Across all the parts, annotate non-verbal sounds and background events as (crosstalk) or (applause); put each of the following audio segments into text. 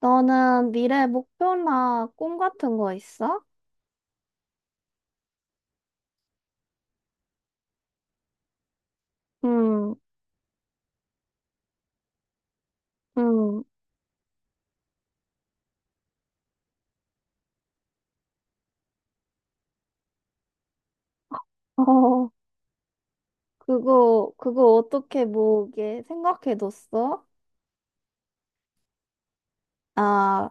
너는 미래 목표나 꿈 같은 거 있어? 음, 음, 어, 그거 어떻게 뭐게 생각해뒀어? 아,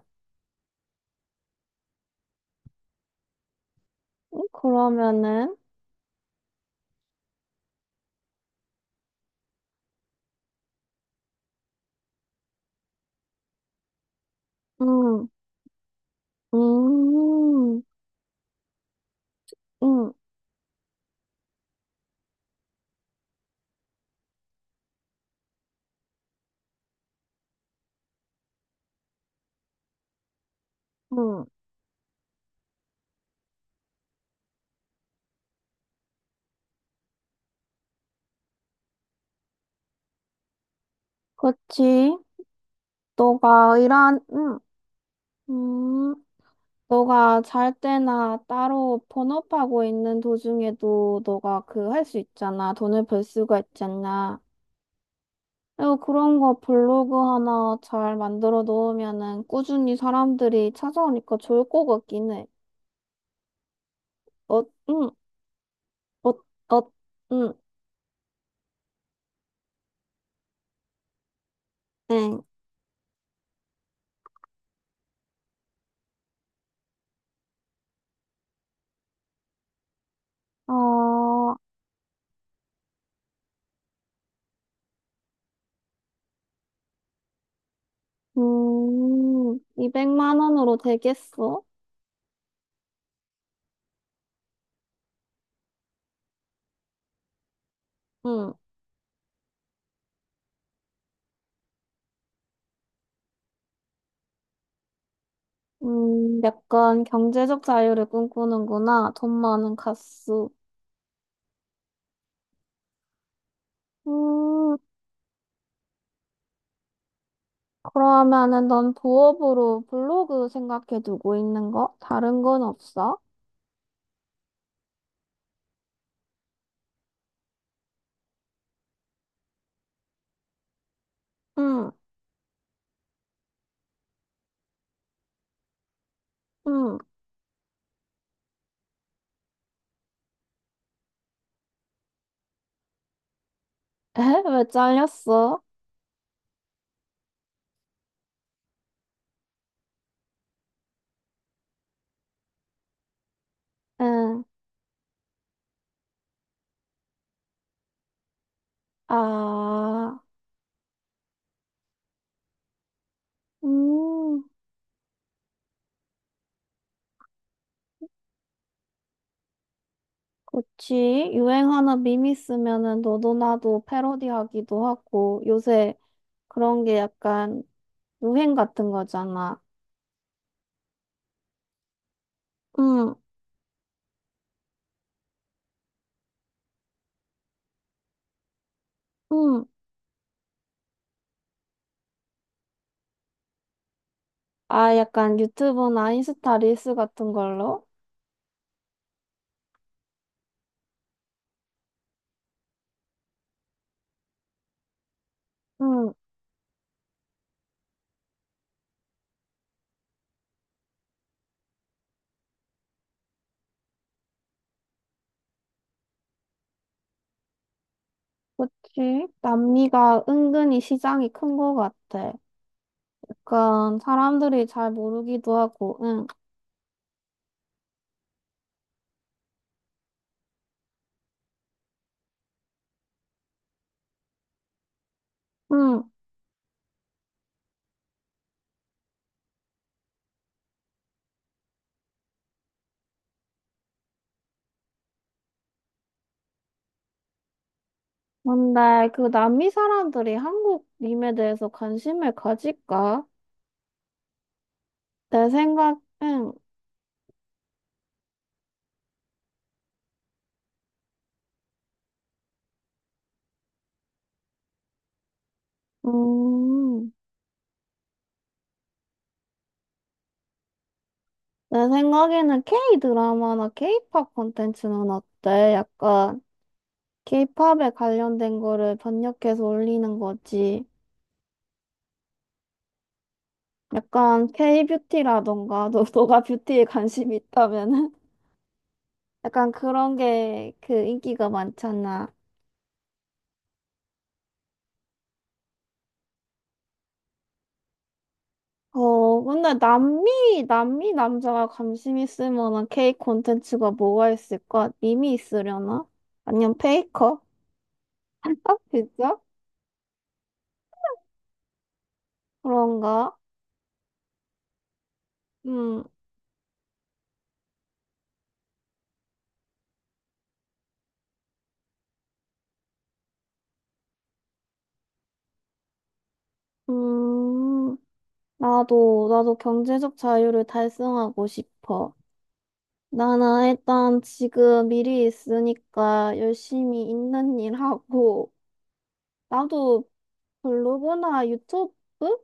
그러면은, 음, 음, 음, 음, 그치. 너가 일한, 음, 음, 너가 잘 때나 따로 본업하고 있는 도중에도 너가 그 할 수 있잖아. 돈을 벌 수가 있잖아. 어, 그런 거 블로그 하나 잘 만들어 놓으면은 꾸준히 사람들이 찾아오니까 좋을 것 같긴 해. 어, 응, 어, 어, 응, 응. 어, 200만 원으로 되겠어? 응, 약간 경제적 자유를 꿈꾸는구나. 돈 많은 가수. 음, 그러면은 넌 부업으로 블로그 생각해 두고 있는 거? 다른 건 없어? 응, 응. (laughs) 에? 왜 잘렸어? 응, 아, 음, 그치. 유행하는 밈이 있으면은 너도 나도 패러디하기도 하고, 요새 그런 게 약간 유행 같은 거잖아. 응, 응. 아, 약간 유튜브나 인스타 릴스 같은 걸로? 응, 그치. 남미가 은근히 시장이 큰 거 같아. 약간 사람들이 잘 모르기도 하고, 응, 응. 근데 그 남미 사람들이 한국 밈에 대해서 관심을 가질까? 내 생각엔, 음, 내 생각에는 K 드라마나 K 팝 콘텐츠는 어때? 약간 K 팝에 관련된 거를 번역해서 올리는 거지. 약간 K 뷰티라던가, (laughs) 너가 뷰티에 관심이 있다면은? (laughs) 약간 그런 게 그 인기가 많잖아. 어, 근데 남미 남자가 관심 있을 만한 K 콘텐츠가 뭐가 있을까? 님이 있으려나? 아니면 페이커? (laughs) 진짜? 그런가? 음, 음, 나도 경제적 자유를 달성하고 싶어. 나는 일단 지금 미리 있으니까 열심히 있는 일 하고, 나도 블로그나 유튜브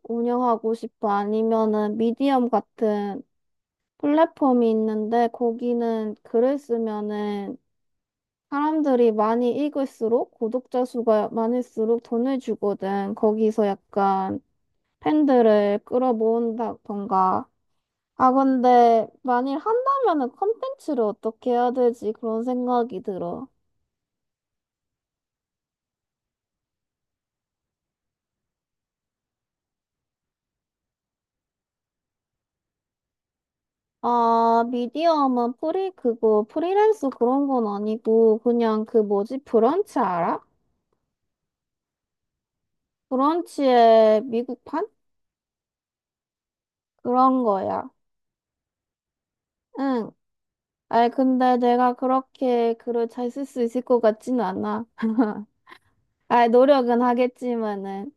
운영하고 싶어. 아니면은 미디엄 같은 플랫폼이 있는데, 거기는 글을 쓰면은 사람들이 많이 읽을수록, 구독자 수가 많을수록 돈을 주거든. 거기서 약간 팬들을 끌어모은다던가. 아, 근데 만일 한다면은 콘텐츠를 어떻게 해야 되지? 그런 생각이 들어. 아, 프리랜서 그런 건 아니고, 그냥 그 뭐지, 브런치 알아? 브런치의 미국판? 그런 거야. 응. 아이, 근데 내가 그렇게 글을 잘 쓸 수 있을 것 같지는 않아. 아이, 노력은 하겠지만은.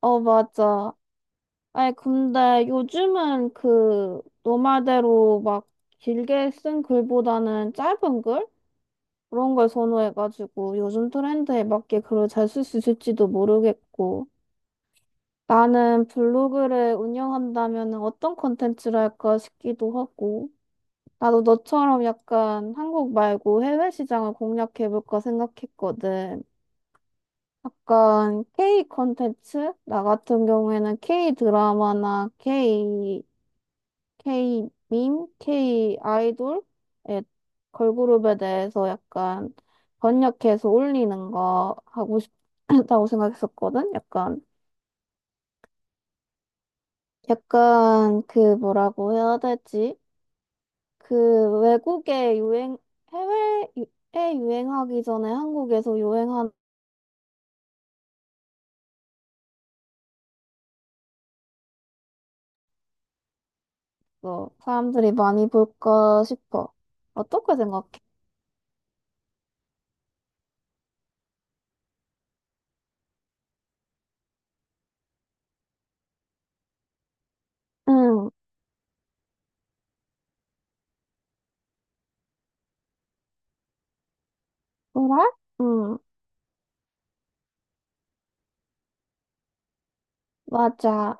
어, 맞아. 아니, 근데 요즘은 그, 너 말대로 막 길게 쓴 글보다는 짧은 글? 그런 걸 선호해가지고 요즘 트렌드에 맞게 글을 잘 쓸 수 있을지도 모르겠고. 나는 블로그를 운영한다면 어떤 콘텐츠를 할까 싶기도 하고. 나도 너처럼 약간 한국 말고 해외 시장을 공략해볼까 생각했거든. 약간 K 콘텐츠? 나 같은 경우에는 K 밈, K 아이돌의 걸그룹에 대해서 약간 번역해서 올리는 거 하고 싶다고 (clears throat) 생각했었거든. 약간 그 뭐라고 해야 되지? 그 외국에 유행 해외에 유- 에 유행하기 전에 한국에서 유행하는 거 사람들이 많이 볼까 싶어. 어떻게 생각해? 응, 그래? 응, 맞아.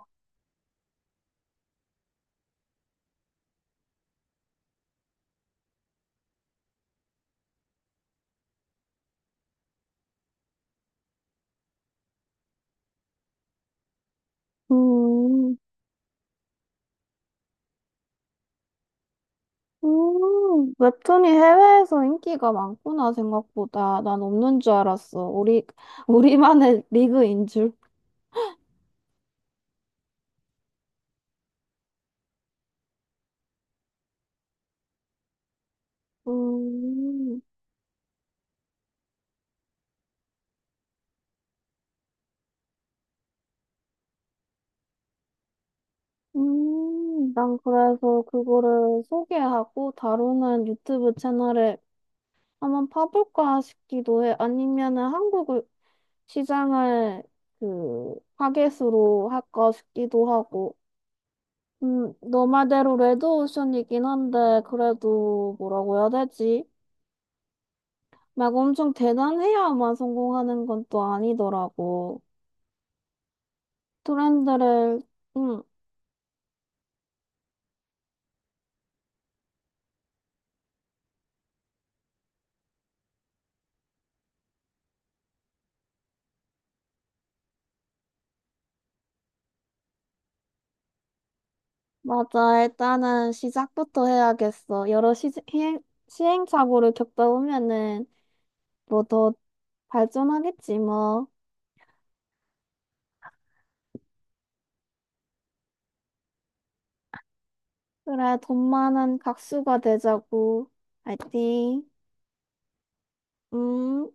음. 웹툰이 해외에서 인기가 많구나, 생각보다. 난 없는 줄 알았어. 우리, (laughs) 우리만의 리그인 줄. 음, 난 그래서 그거를 소개하고 다루는 유튜브 채널에 한번 파볼까 싶기도 해. 아니면은 한국 시장을 그, 타겟으로 할까 싶기도 하고. 너 말대로 레드오션이긴 한데, 그래도 뭐라고 해야 되지? 막 엄청 대단해야만 성공하는 건 또 아니더라고. 트렌드를, 응 맞아. 일단은 시작부터 해야겠어. 여러 시행착오를 겪다 보면은 뭐 더 발전하겠지, 뭐. 그래, 돈 많은 각수가 되자고. 화이팅. 음.